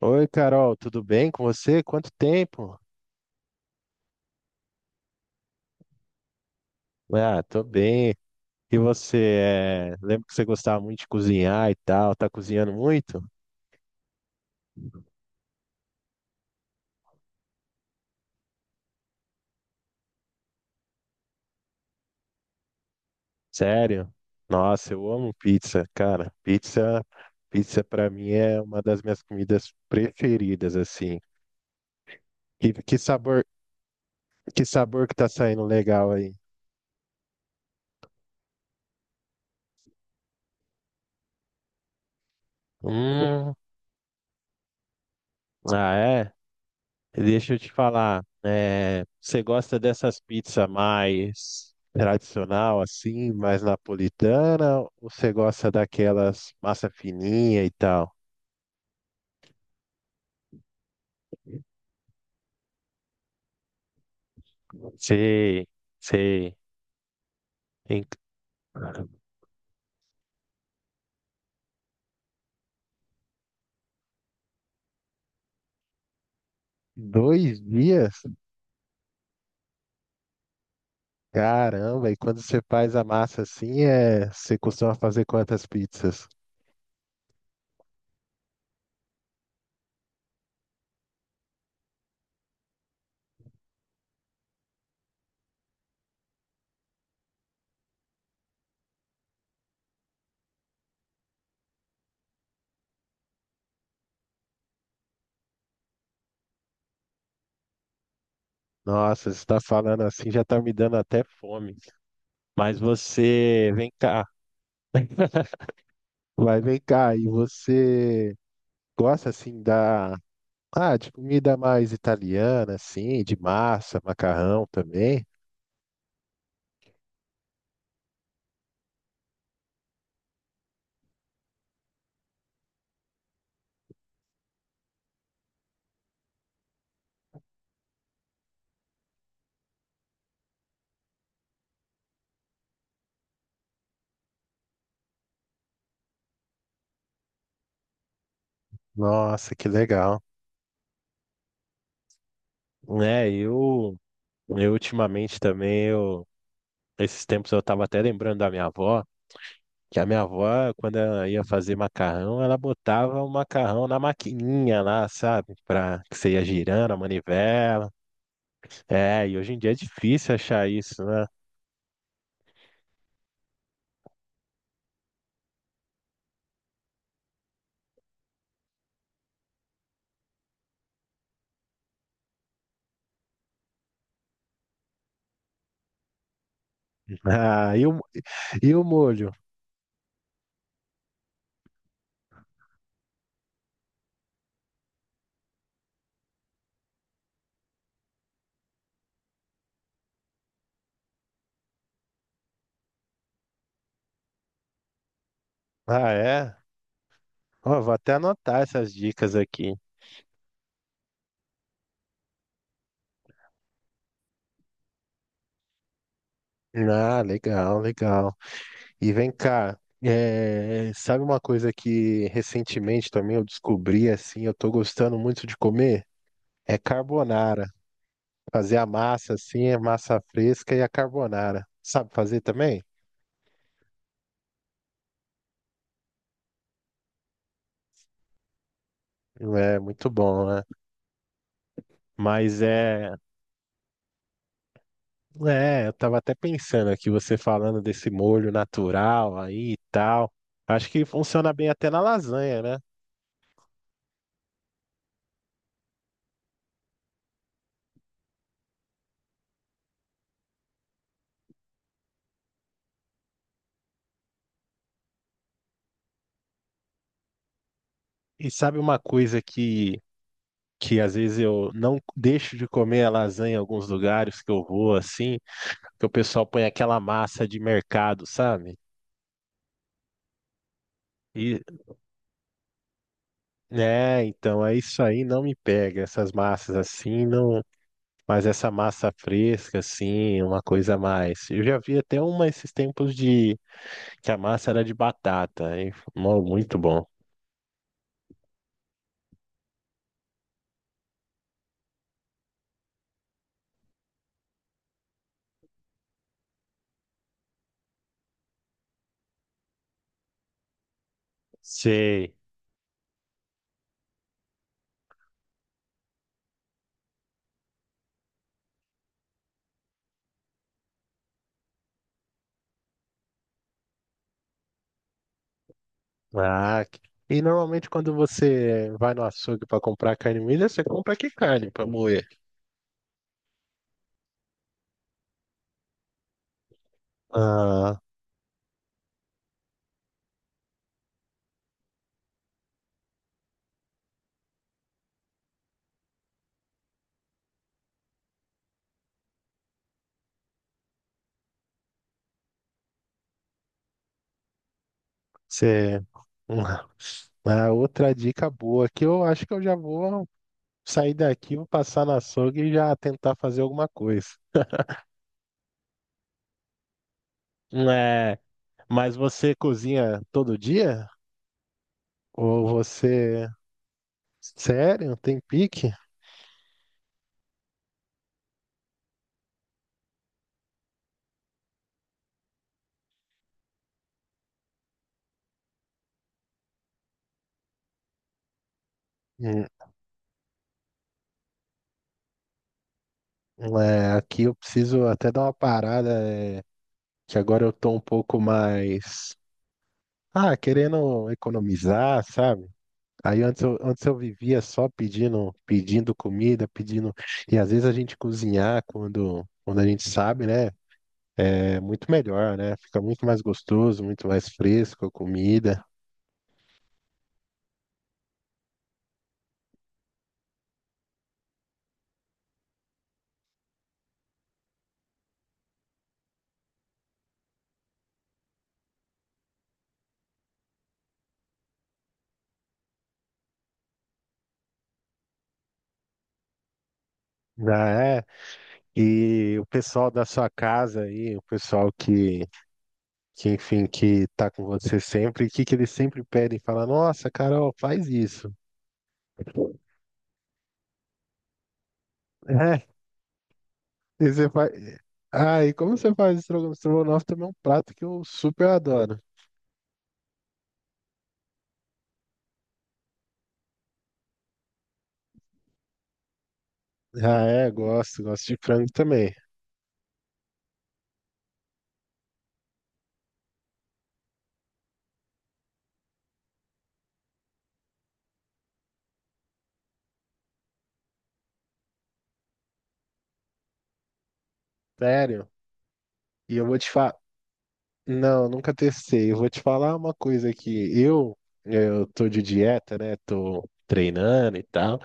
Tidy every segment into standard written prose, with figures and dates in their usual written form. Oi, Carol, tudo bem com você? Quanto tempo? Ah, tô bem. E você, lembro que você gostava muito de cozinhar e tal, tá cozinhando muito? Sério? Nossa, eu amo pizza, cara. Pizza para mim é uma das minhas comidas preferidas, assim. Que, que sabor, que sabor que tá saindo legal aí? Hum, ah, é? Deixa eu te falar, você gosta dessas pizzas mais tradicional, assim, mais napolitana, ou você gosta daquelas massa fininha e tal? Sei, sei. Em dois dias? Caramba, e quando você faz a massa assim, você costuma fazer quantas pizzas? Nossa, você está falando assim, já está me dando até fome. Mas você, vem cá, vem cá, e você gosta assim de comida mais italiana, assim, de massa, macarrão também? Nossa, que legal. É, eu, eu ultimamente também, esses tempos eu tava até lembrando da minha avó, que a minha avó, quando ela ia fazer macarrão, ela botava o macarrão na maquininha lá, sabe? Pra que você ia girando a manivela. É, e hoje em dia é difícil achar isso, né? Ah, e o, e o molho? Ah, é? Ó, vou até anotar essas dicas aqui. Ah, legal, legal. E vem cá, sabe uma coisa que recentemente também eu descobri, assim, eu tô gostando muito de comer? É carbonara. Fazer a massa, assim, a massa fresca e a carbonara. Sabe fazer também? É muito bom, né? Mas é, eu tava até pensando aqui, você falando desse molho natural aí e tal. Acho que funciona bem até na lasanha, né? E sabe uma coisa que às vezes eu não deixo de comer a lasanha em alguns lugares que eu vou assim, que o pessoal põe aquela massa de mercado, sabe? E, né, então é isso aí, não me pega essas massas assim, não, mas essa massa fresca assim, uma coisa a mais. Eu já vi até uma esses tempos de que a massa era de batata, hein? Mó, muito bom. Sei. Ah, que- e normalmente quando você vai no açougue para comprar carne moída, você compra que carne para moer? Ah, você... Ah, outra dica boa que eu acho que eu já vou sair daqui, vou passar no açougue e já tentar fazer alguma coisa. É, mas você cozinha todo dia? Ou você... Sério? Tem pique? Hum, É, aqui eu preciso até dar uma parada, que agora eu tô um pouco mais... Ah, querendo economizar, sabe? Antes eu vivia só pedindo, pedindo comida, pedindo. E às vezes a gente cozinhar quando a gente sabe, né? É muito melhor, né? Fica muito mais gostoso, muito mais fresco a comida. Já é. E o pessoal da sua casa aí, o pessoal que enfim, que tá com você sempre, o que que eles sempre pedem? Fala, nossa, Carol, faz isso. E você faz... Ah, e como você faz estrogonofe? Estrogonofe também é um prato que eu super adoro. Ah, é, gosto de frango também. Sério? E eu vou te falar. Não, nunca testei. Eu vou te falar uma coisa aqui. Eu tô de dieta, né? Tô treinando e tal.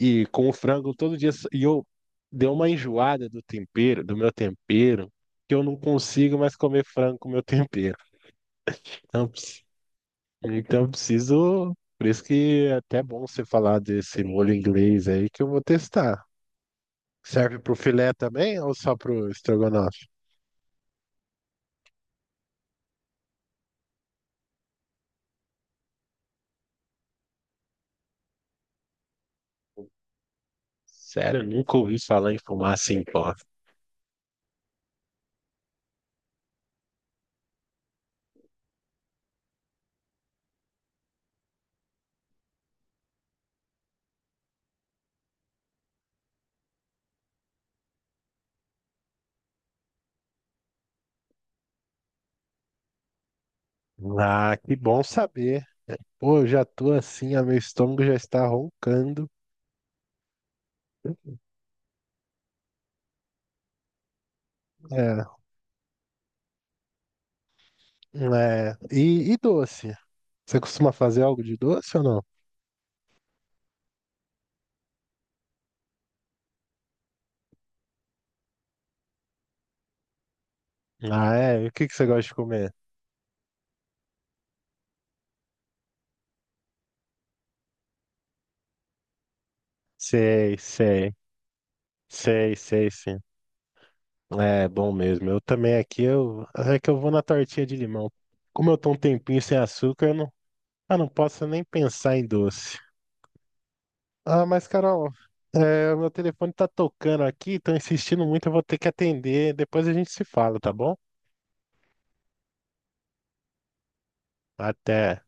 E com o frango todo dia. E eu dei uma enjoada do meu tempero, que eu não consigo mais comer frango com meu tempero. Então, Então eu preciso. Por isso que é até bom você falar desse molho inglês aí que eu vou testar. Serve pro filé também ou só pro estrogonofe? Sério, eu nunca ouvi falar em fumaça em pó. Ah, que bom saber. Pô, eu já tô assim, ah, meu estômago já está roncando. É, é. E doce? Você costuma fazer algo de doce ou não? Ah, é? E o que que você gosta de comer? Sei, sei. Sei, sei, sim. É bom mesmo. Eu também aqui, eu, é que eu vou na tortinha de limão. Como eu tô um tempinho sem açúcar, eu não, ah, não posso nem pensar em doce. Ah, mas Carol, o meu telefone tá tocando aqui, tô insistindo muito, eu vou ter que atender. Depois a gente se fala, tá bom? Até.